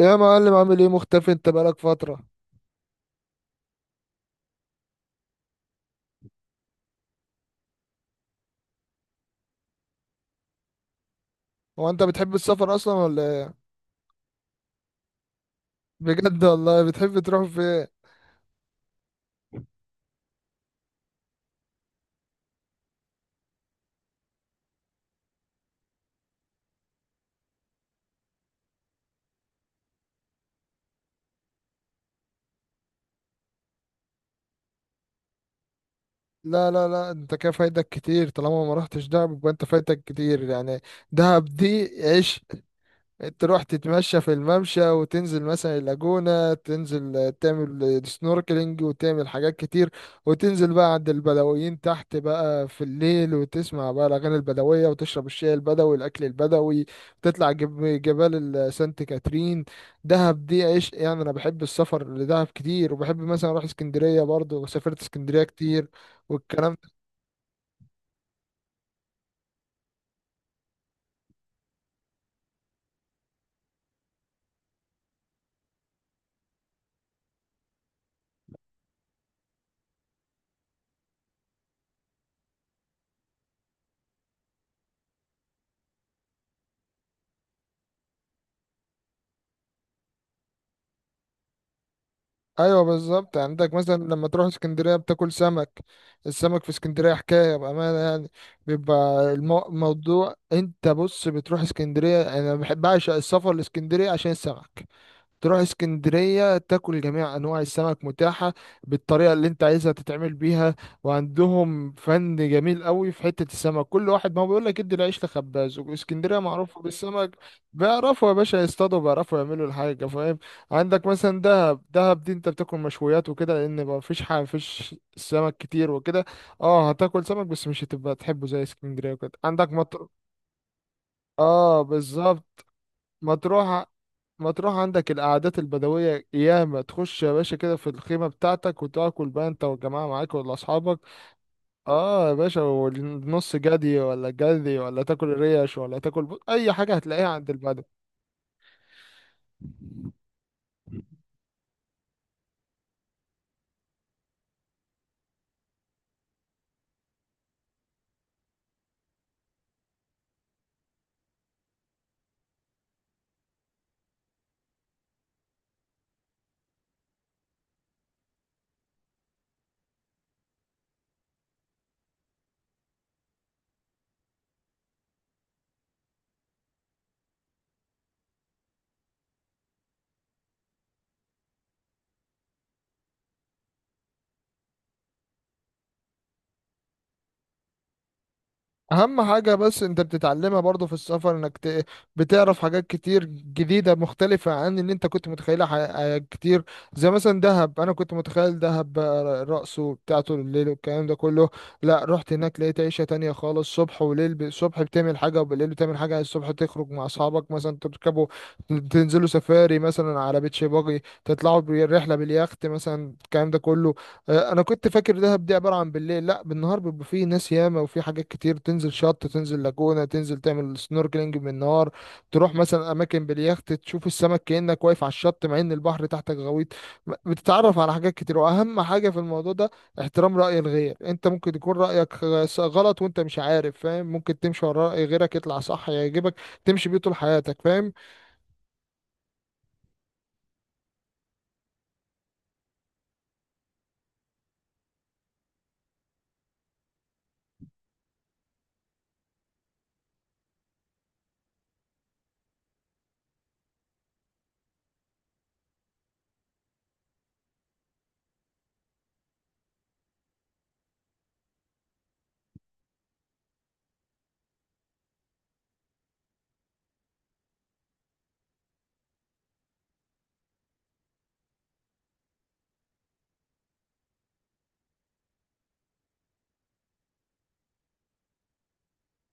يا معلم، عامل ايه؟ مختفي، انت بقالك فترة. هو انت بتحب السفر اصلا ولا ايه؟ بجد والله؟ بتحب تروح فين؟ لا لا لا، انت كده فايتك كتير. طالما ما رحتش دهب يبقى انت فايتك كتير يعني. دهب دي عيش. تروح تتمشى في الممشى، وتنزل مثلا اللاجونة تنزل تعمل سنوركلينج، وتعمل حاجات كتير. وتنزل بقى عند البدويين تحت بقى في الليل، وتسمع بقى الأغاني البدوية، وتشرب الشاي البدوي، الأكل البدوي. تطلع جبال سانت كاترين. دهب دي عيش يعني. أنا بحب السفر لدهب كتير، وبحب مثلا أروح اسكندرية برضه، وسافرت اسكندرية كتير والكلام. ايوه بالظبط يعني. عندك مثلا لما تروح اسكندريه بتاكل سمك. السمك في اسكندريه حكايه بامانه يعني. بيبقى الموضوع، انت بص، بتروح اسكندريه، انا بحب اعشق السفر لاسكندريه عشان السمك. تروح اسكندرية تاكل جميع أنواع السمك متاحة بالطريقة اللي أنت عايزها تتعمل بيها. وعندهم فن جميل قوي في حتة السمك. كل واحد ما هو بيقول لك ادي العيش لخباز، واسكندرية معروفة بالسمك. بيعرفوا يا باشا يصطادوا، بيعرفوا يعملوا الحاجة فاهم. عندك مثلا دهب، دهب دي أنت بتاكل مشويات وكده، لأن ما فيش حاجة، مفيش سمك كتير وكده. اه، هتاكل سمك بس مش هتبقى تحبه زي اسكندرية وكده. عندك مطر، اه بالظبط. مطروح، مطروح عندك القعدات البدوية، ياما تخش يا باشا كده في الخيمة بتاعتك، وتاكل بقى انت والجماعة معاك ولا أصحابك. اه يا باشا، والنص جدي ولا جدي، ولا تاكل ريش، ولا تاكل أي حاجة هتلاقيها عند البدو. اهم حاجة بس انت بتتعلمها برضو في السفر، انك بتعرف حاجات كتير جديدة مختلفة عن اللي انت كنت متخيلها ح... آه، كتير. زي مثلا دهب، انا كنت متخيل دهب بقى رقصه بتاعته الليل والكلام ده كله. لا، رحت هناك لقيت عيشة تانية خالص، صبح وليل. الصبح بتعمل حاجة، وبالليل بتعمل حاجة. الصبح تخرج مع اصحابك مثلا تركبوا، تنزلوا سفاري مثلا على بيتش باجي، تطلعوا بالرحلة باليخت مثلا، الكلام ده كله. انا كنت فاكر دهب دي عباره عن بالليل. لا، بالنهار بيبقى فيه ناس ياما، وفي حاجات كتير. تنزل شط، تنزل لاجونه، تنزل تعمل سنوركلينج بالنهار. تروح مثلا اماكن باليخت، تشوف السمك كانك واقف على الشط، مع ان البحر تحتك غويط. بتتعرف على حاجات كتير. واهم حاجه في الموضوع ده احترام راي الغير. انت ممكن يكون رايك غلط وانت مش عارف فاهم. ممكن تمشي ورا راي غيرك يطلع صح يعجبك، تمشي بيه طول حياتك فاهم.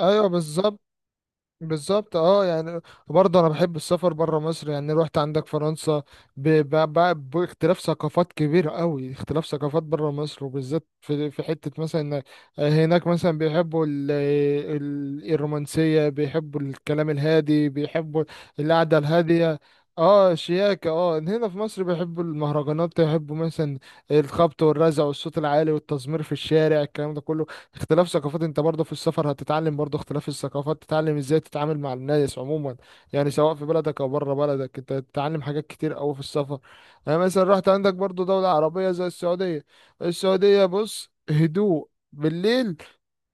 ايوه بالظبط. بالظبط اه يعني. برضه انا بحب السفر بره مصر يعني. رحت عندك فرنسا، باختلاف ثقافات كبير قوي. اختلاف ثقافات بره مصر وبالذات في في حتة مثلا إن، هناك مثلا بيحبوا الرومانسية، بيحبوا الكلام الهادي، بيحبوا القعدة الهادية. اه شياكة، اه. هنا في مصر بيحبوا المهرجانات، يحبوا مثلا الخبط والرزع والصوت العالي والتزمير في الشارع، الكلام ده كله. اختلاف ثقافات، انت برضه في السفر هتتعلم برضه اختلاف الثقافات، تتعلم ازاي تتعامل مع الناس عموما. يعني سواء في بلدك او بره بلدك، انت تتعلم حاجات كتير قوي في السفر. يعني مثلا رحت عندك برضه دولة عربية زي السعودية. السعودية بص، هدوء بالليل،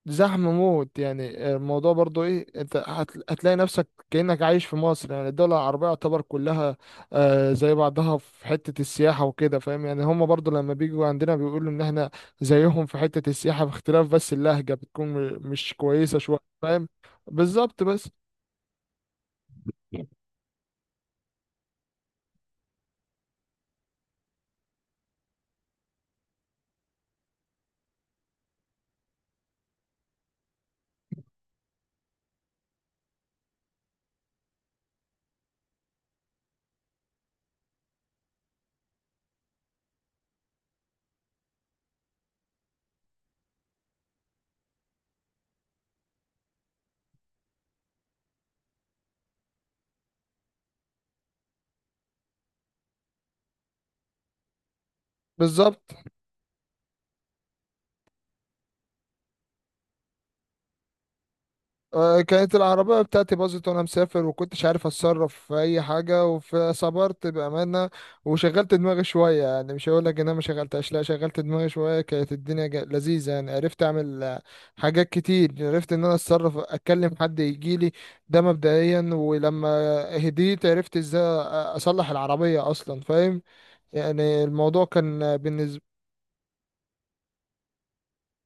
زحمة موت. يعني الموضوع برضو ايه، انت هتلاقي نفسك كأنك عايش في مصر. يعني الدول العربية يعتبر كلها زي بعضها في حتة السياحة وكده فاهم. يعني هم برضو لما بيجوا عندنا بيقولوا ان احنا زيهم في حتة السياحة، باختلاف بس اللهجة بتكون مش كويسة شوية فاهم. بالظبط بس. بالظبط. كانت العربية بتاعتي باظت وأنا مسافر، وكنتش عارف أتصرف في أي حاجة. فصبرت بأمانة، وشغلت دماغي شوية. يعني مش هقول لك إن أنا ما شغلتهاش، لا، شغلت دماغي شوية. كانت الدنيا لذيذة يعني. عرفت أعمل حاجات كتير. عرفت إن أنا أتصرف، أتكلم حد يجيلي، ده مبدئيا. ولما هديت عرفت إزاي أصلح العربية أصلا فاهم. يعني الموضوع كان بالنسبة،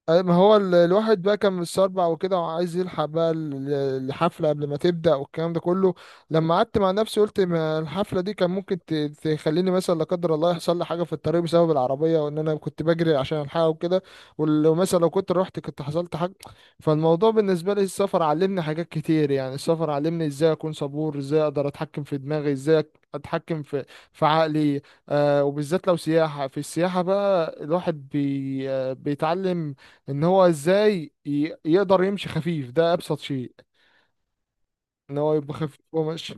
ما هو الواحد بقى كان متسربع وكده، وعايز يلحق بقى الحفلة قبل ما تبدأ، والكلام ده كله. لما قعدت مع نفسي قلت ما الحفلة دي كان ممكن تخليني مثلا، لا قدر الله، يحصل لي حاجة في الطريق بسبب العربية، وإن أنا كنت بجري عشان ألحقها وكده. ولو مثلا لو كنت رحت كنت حصلت حاجة. فالموضوع بالنسبة لي، السفر علمني حاجات كتير. يعني السفر علمني إزاي أكون صبور، إزاي أقدر أتحكم في دماغي، إزاي أتحكم في في عقلي. آه، وبالذات لو سياحة. في السياحة بقى الواحد بي آه، بيتعلم ان هو ازاي يقدر يمشي خفيف. ده ابسط شيء، ان هو يبقى خفيف وماشي.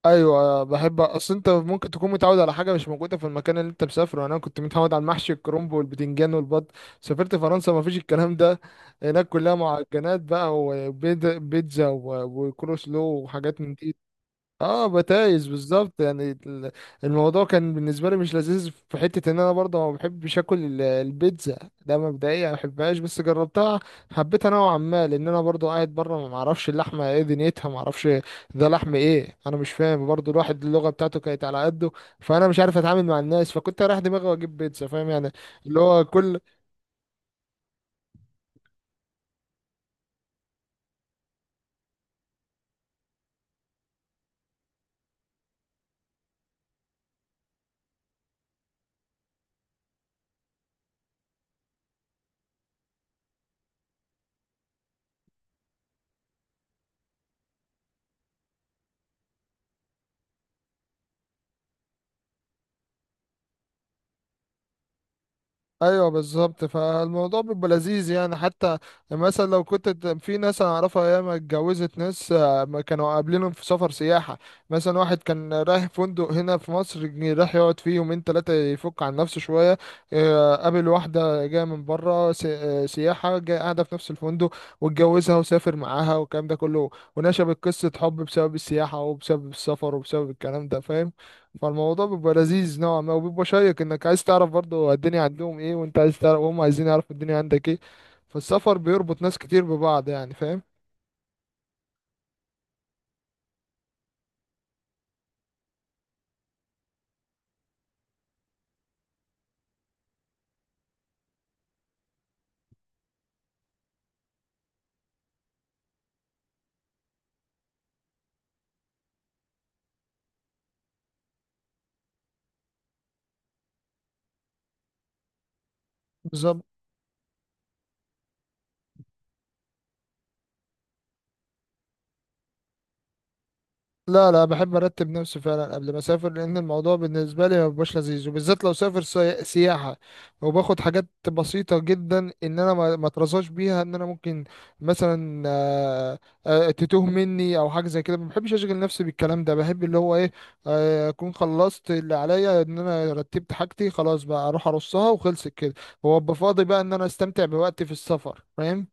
ايوه بحب. اصل انت ممكن تكون متعود على حاجه مش موجوده في المكان اللي انت مسافره. يعني انا كنت متعود على المحشي الكرنب والبتنجان والبط، سافرت فرنسا ما فيش الكلام ده. هناك كلها معجنات بقى، وبيتزا، وكروسلو، وحاجات من دي. اه بتايز بالظبط. يعني الموضوع كان بالنسبه لي مش لذيذ، في حته ان انا برضه ما بحبش اكل البيتزا، ده مبدئيا ما بحبهاش. بس جربتها، حبيتها نوعا ما، لان انا برضه قاعد بره، ما اعرفش اللحمه ايه دنيتها، ما اعرفش ده لحم ايه، انا مش فاهم. برضه الواحد اللغه بتاعته كانت على قده، فانا مش عارف اتعامل مع الناس، فكنت رايح دماغي واجيب بيتزا فاهم يعني. اللي هو كل. ايوه بالظبط. فالموضوع بيبقى لذيذ يعني. حتى مثلا لو كنت في ناس انا اعرفها ياما اتجوزت ناس، ما كانوا قابلينهم في سفر سياحه. مثلا واحد كان رايح فندق هنا في مصر، جه راح يقعد فيه يومين ثلاثه يفك عن نفسه شويه، قابل واحده جايه من بره سياحه جايه قاعده في نفس الفندق، واتجوزها وسافر معاها والكلام ده كله. ونشبت قصه حب بسبب السياحه وبسبب السفر وبسبب الكلام ده فاهم. فالموضوع بيبقى لذيذ نوعا ما، وبيبقى شيق، انك عايز تعرف برضه الدنيا عندهم ايه، وانت عايز تعرف، وهم عايزين يعرفوا الدنيا عندك ايه. فالسفر بيربط ناس كتير ببعض يعني فاهم. بالظبط. لا لا، بحب ارتب نفسي فعلا قبل ما اسافر، لان الموضوع بالنسبه لي ما بيبقاش لذيذ، وبالذات لو سافر سياحه. وباخد حاجات بسيطه جدا ان انا ما اترزاش بيها، ان انا ممكن مثلا تتوه مني او حاجه زي كده. ما بحبش اشغل نفسي بالكلام ده، بحب اللي هو ايه، اكون خلصت اللي عليا، ان انا رتبت حاجتي خلاص، بقى اروح ارصها وخلصت كده، وابقى فاضي بقى ان انا استمتع بوقتي في السفر فاهم.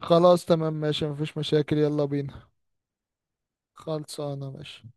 خلاص، تمام، ماشي، مفيش مشاكل، يلا بينا. خلصانه ماشي.